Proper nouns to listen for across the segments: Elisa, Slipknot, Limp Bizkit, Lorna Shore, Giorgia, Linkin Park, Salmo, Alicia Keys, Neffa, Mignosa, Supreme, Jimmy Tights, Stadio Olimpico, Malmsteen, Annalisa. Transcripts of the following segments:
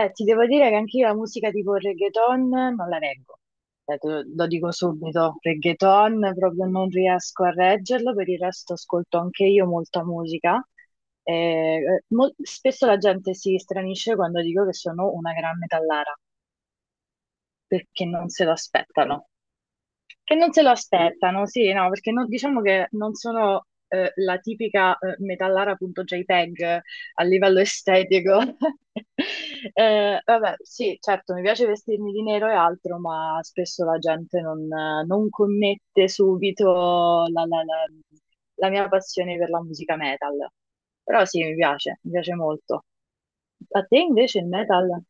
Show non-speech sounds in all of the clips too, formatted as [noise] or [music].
Ti devo dire che anche io la musica tipo reggaeton non la reggo. Lo dico subito, reggaeton proprio non riesco a reggerlo, per il resto ascolto anche io molta musica. Eh, spesso la gente si stranisce quando dico che sono una gran metallara, perché non se lo aspettano. Che non se lo aspettano, sì, no, perché diciamo che non sono la tipica metallara.jpg a livello estetico. [laughs] Vabbè, sì, certo, mi piace vestirmi di nero e altro, ma spesso la gente non connette subito la mia passione per la musica metal. Però sì, mi piace molto. A te invece il metal?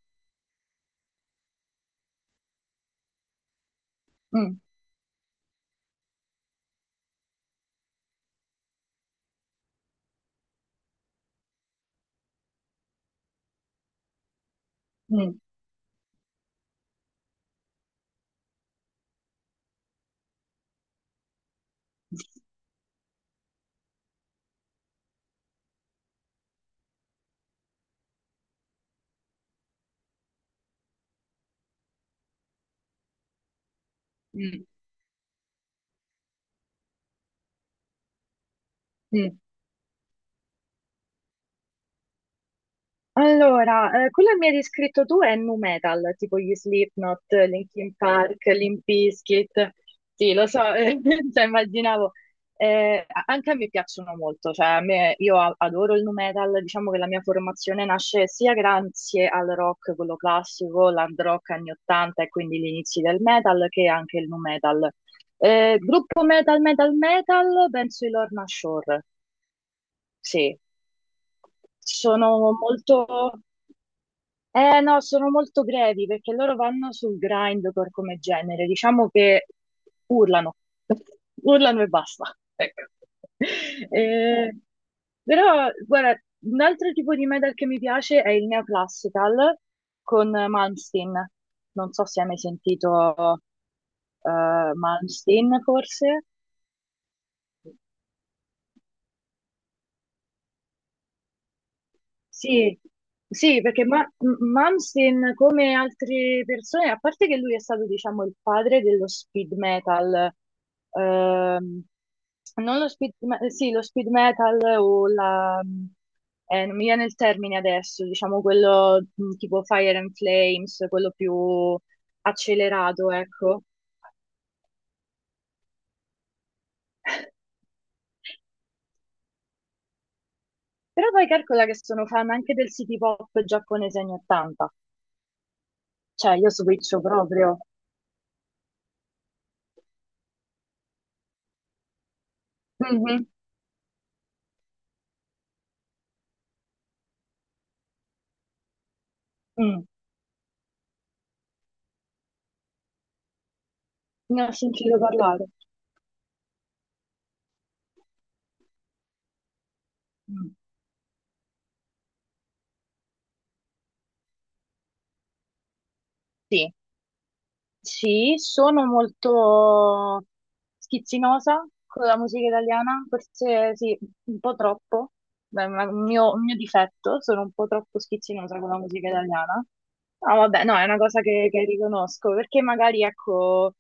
Mm, mm, mm, mm. Allora, quello che mi hai descritto tu è nu metal, tipo gli Slipknot, Linkin Park, Limp Bizkit. Sì, lo so, [laughs] cioè, immaginavo. Anche a me piacciono molto, cioè a me, io adoro il nu metal, diciamo che la mia formazione nasce sia grazie al rock, quello classico, l'hard rock anni 80 e quindi gli inizi del metal, che anche il nu metal. Gruppo metal, penso i Lorna Shore, sì. Sono molto... no, sono molto brevi perché loro vanno sul grindcore come genere, diciamo che urlano, [laughs] urlano e basta. Ecco. Eh, però, guarda, un altro tipo di metal che mi piace è il neoclassical con Malmsteen. Non so se hai mai sentito Malmsteen, forse. Sì, sì, perché Malmsteen, come altre persone, a parte che lui è stato, diciamo, il padre dello speed metal, ehm, non lo speed, sì, lo speed metal o la, non mi viene il termine adesso, diciamo quello tipo Fire and Flames, quello più accelerato, ecco. [laughs] Però poi calcola che sono fan anche del city pop giapponese anni 80, cioè io switcho proprio. Mhm. Mm. Ne ho sentito parlare. Mm. Sì, sì, sono molto schizzinosa con la musica italiana, forse sì, un po' troppo. Beh, ma un mio difetto, sono un po' troppo schizzinosa con la musica italiana. Ah, vabbè, no, è una cosa che riconosco, perché magari, ecco,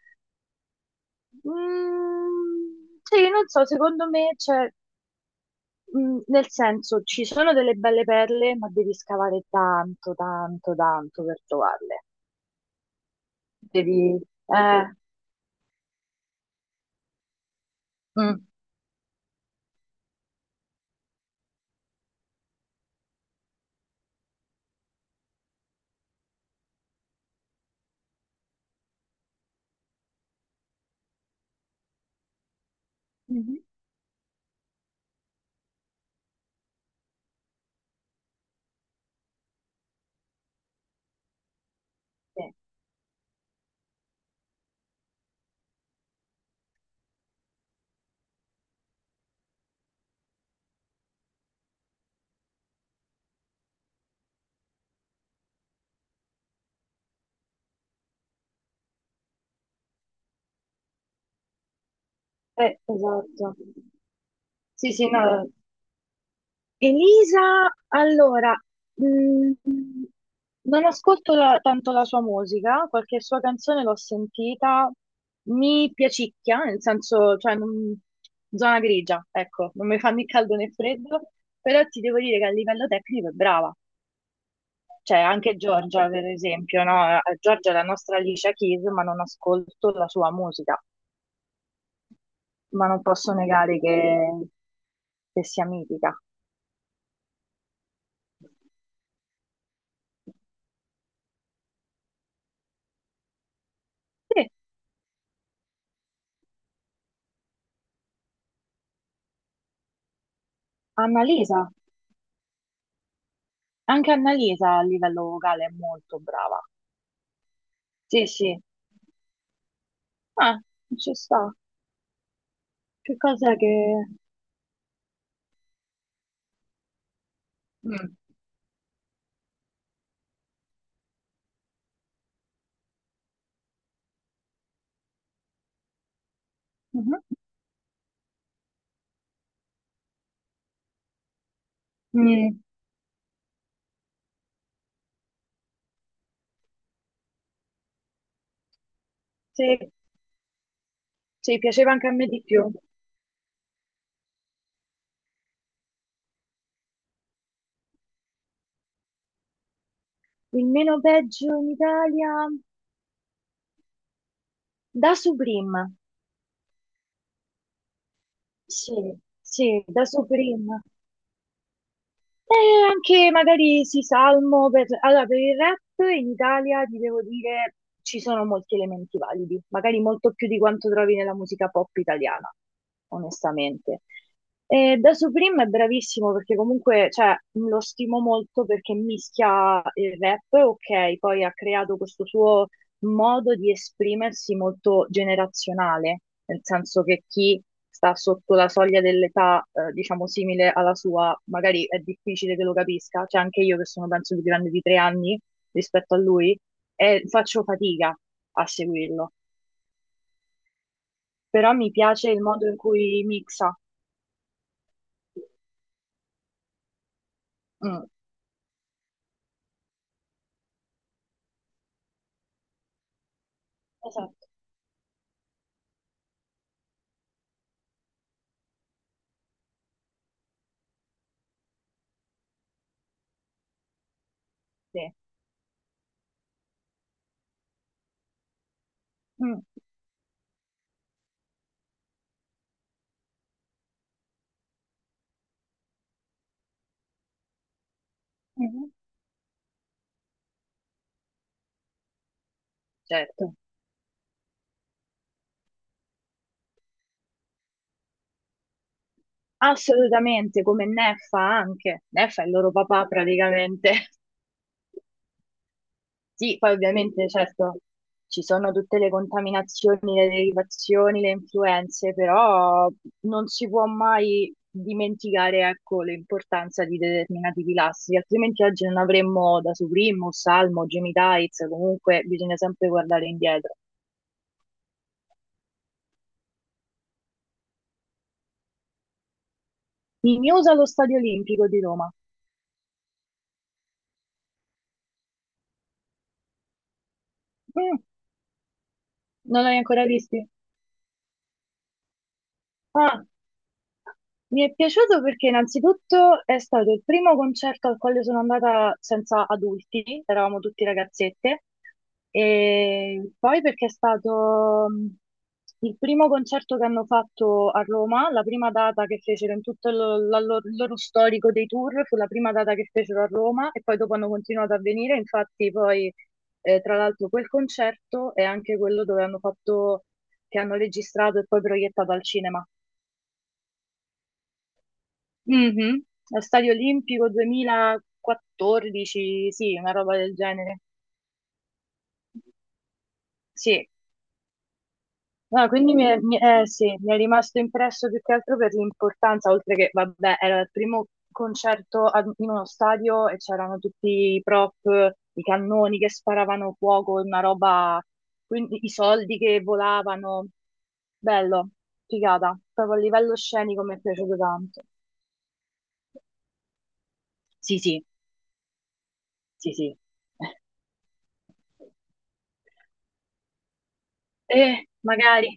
mm, sì, non so, secondo me, c'è mm, nel senso, ci sono delle belle perle, ma devi scavare tanto, tanto, tanto per trovarle. Devi... Eh, Mm. Mhm. Sì, esatto. Sì, sì, no. Elisa, allora, mm, non ascolto tanto la sua musica, qualche sua canzone l'ho sentita, mi piacicchia, nel senso, zona grigia, ecco, non mi fa né caldo né freddo, però ti devo dire che a livello tecnico è brava. Cioè, anche Giorgia, per esempio, no? Giorgia è la nostra Alicia Keys, ma non ascolto la sua musica. Ma non posso negare che sia mitica. Sì, Annalisa, anche Annalisa a livello vocale è molto brava. Sì, sì, ah, ci sta. Che cos'è che... Mm. Mhm. Mm, sì, sì, piaceva anche a me di più. Il meno peggio in Italia da Supreme. Sì, sì, da Supreme. E anche magari sì, salmo per... Allora, per il rap in Italia ti devo dire ci sono molti elementi validi, magari molto più di quanto trovi nella musica pop italiana, onestamente. E da Supreme è bravissimo perché comunque cioè, lo stimo molto perché mischia il rap, ok, poi ha creato questo suo modo di esprimersi molto generazionale, nel senso che chi sta sotto la soglia dell'età, diciamo simile alla sua, magari è difficile che lo capisca, cioè anche io che sono penso più grande di 3 anni rispetto a lui, e faccio fatica a seguirlo, però mi piace il modo in cui mixa. Mm, esatto. Sì. Mm, mhm, certo. Assolutamente, come Neffa anche. Neffa è il loro papà praticamente. [laughs] Sì, poi ovviamente, certo, ci sono tutte le contaminazioni, le derivazioni, le influenze, però non si può mai dimenticare, ecco, l'importanza di determinati pilastri, altrimenti oggi non avremmo da Suprimus, Salmo, Jimmy Tights, comunque bisogna sempre guardare indietro. Mignosa allo Stadio Olimpico di Roma. Mm, non l'hai ancora visti? Ah. Mi è piaciuto perché innanzitutto è stato il primo concerto al quale sono andata senza adulti, eravamo tutti ragazzette, e poi perché è stato mm, il primo concerto che hanno fatto a Roma, la prima data che fecero la il loro storico dei tour, fu la prima data che fecero a Roma e poi dopo hanno continuato a venire, infatti poi tra l'altro quel concerto è anche quello dove hanno fatto, che hanno registrato e poi proiettato al cinema. Mhm. Allo Stadio Olimpico 2014, sì, una roba del genere. Sì, no, quindi sì, mi è rimasto impresso più che altro per l'importanza, oltre che, vabbè, era il primo concerto in uno stadio e c'erano tutti i prop, i cannoni che sparavano fuoco, una roba, quindi i soldi che volavano. Bello, figata, proprio a livello scenico mi è piaciuto tanto. Sì, sì, sì, sì. [laughs] Magari.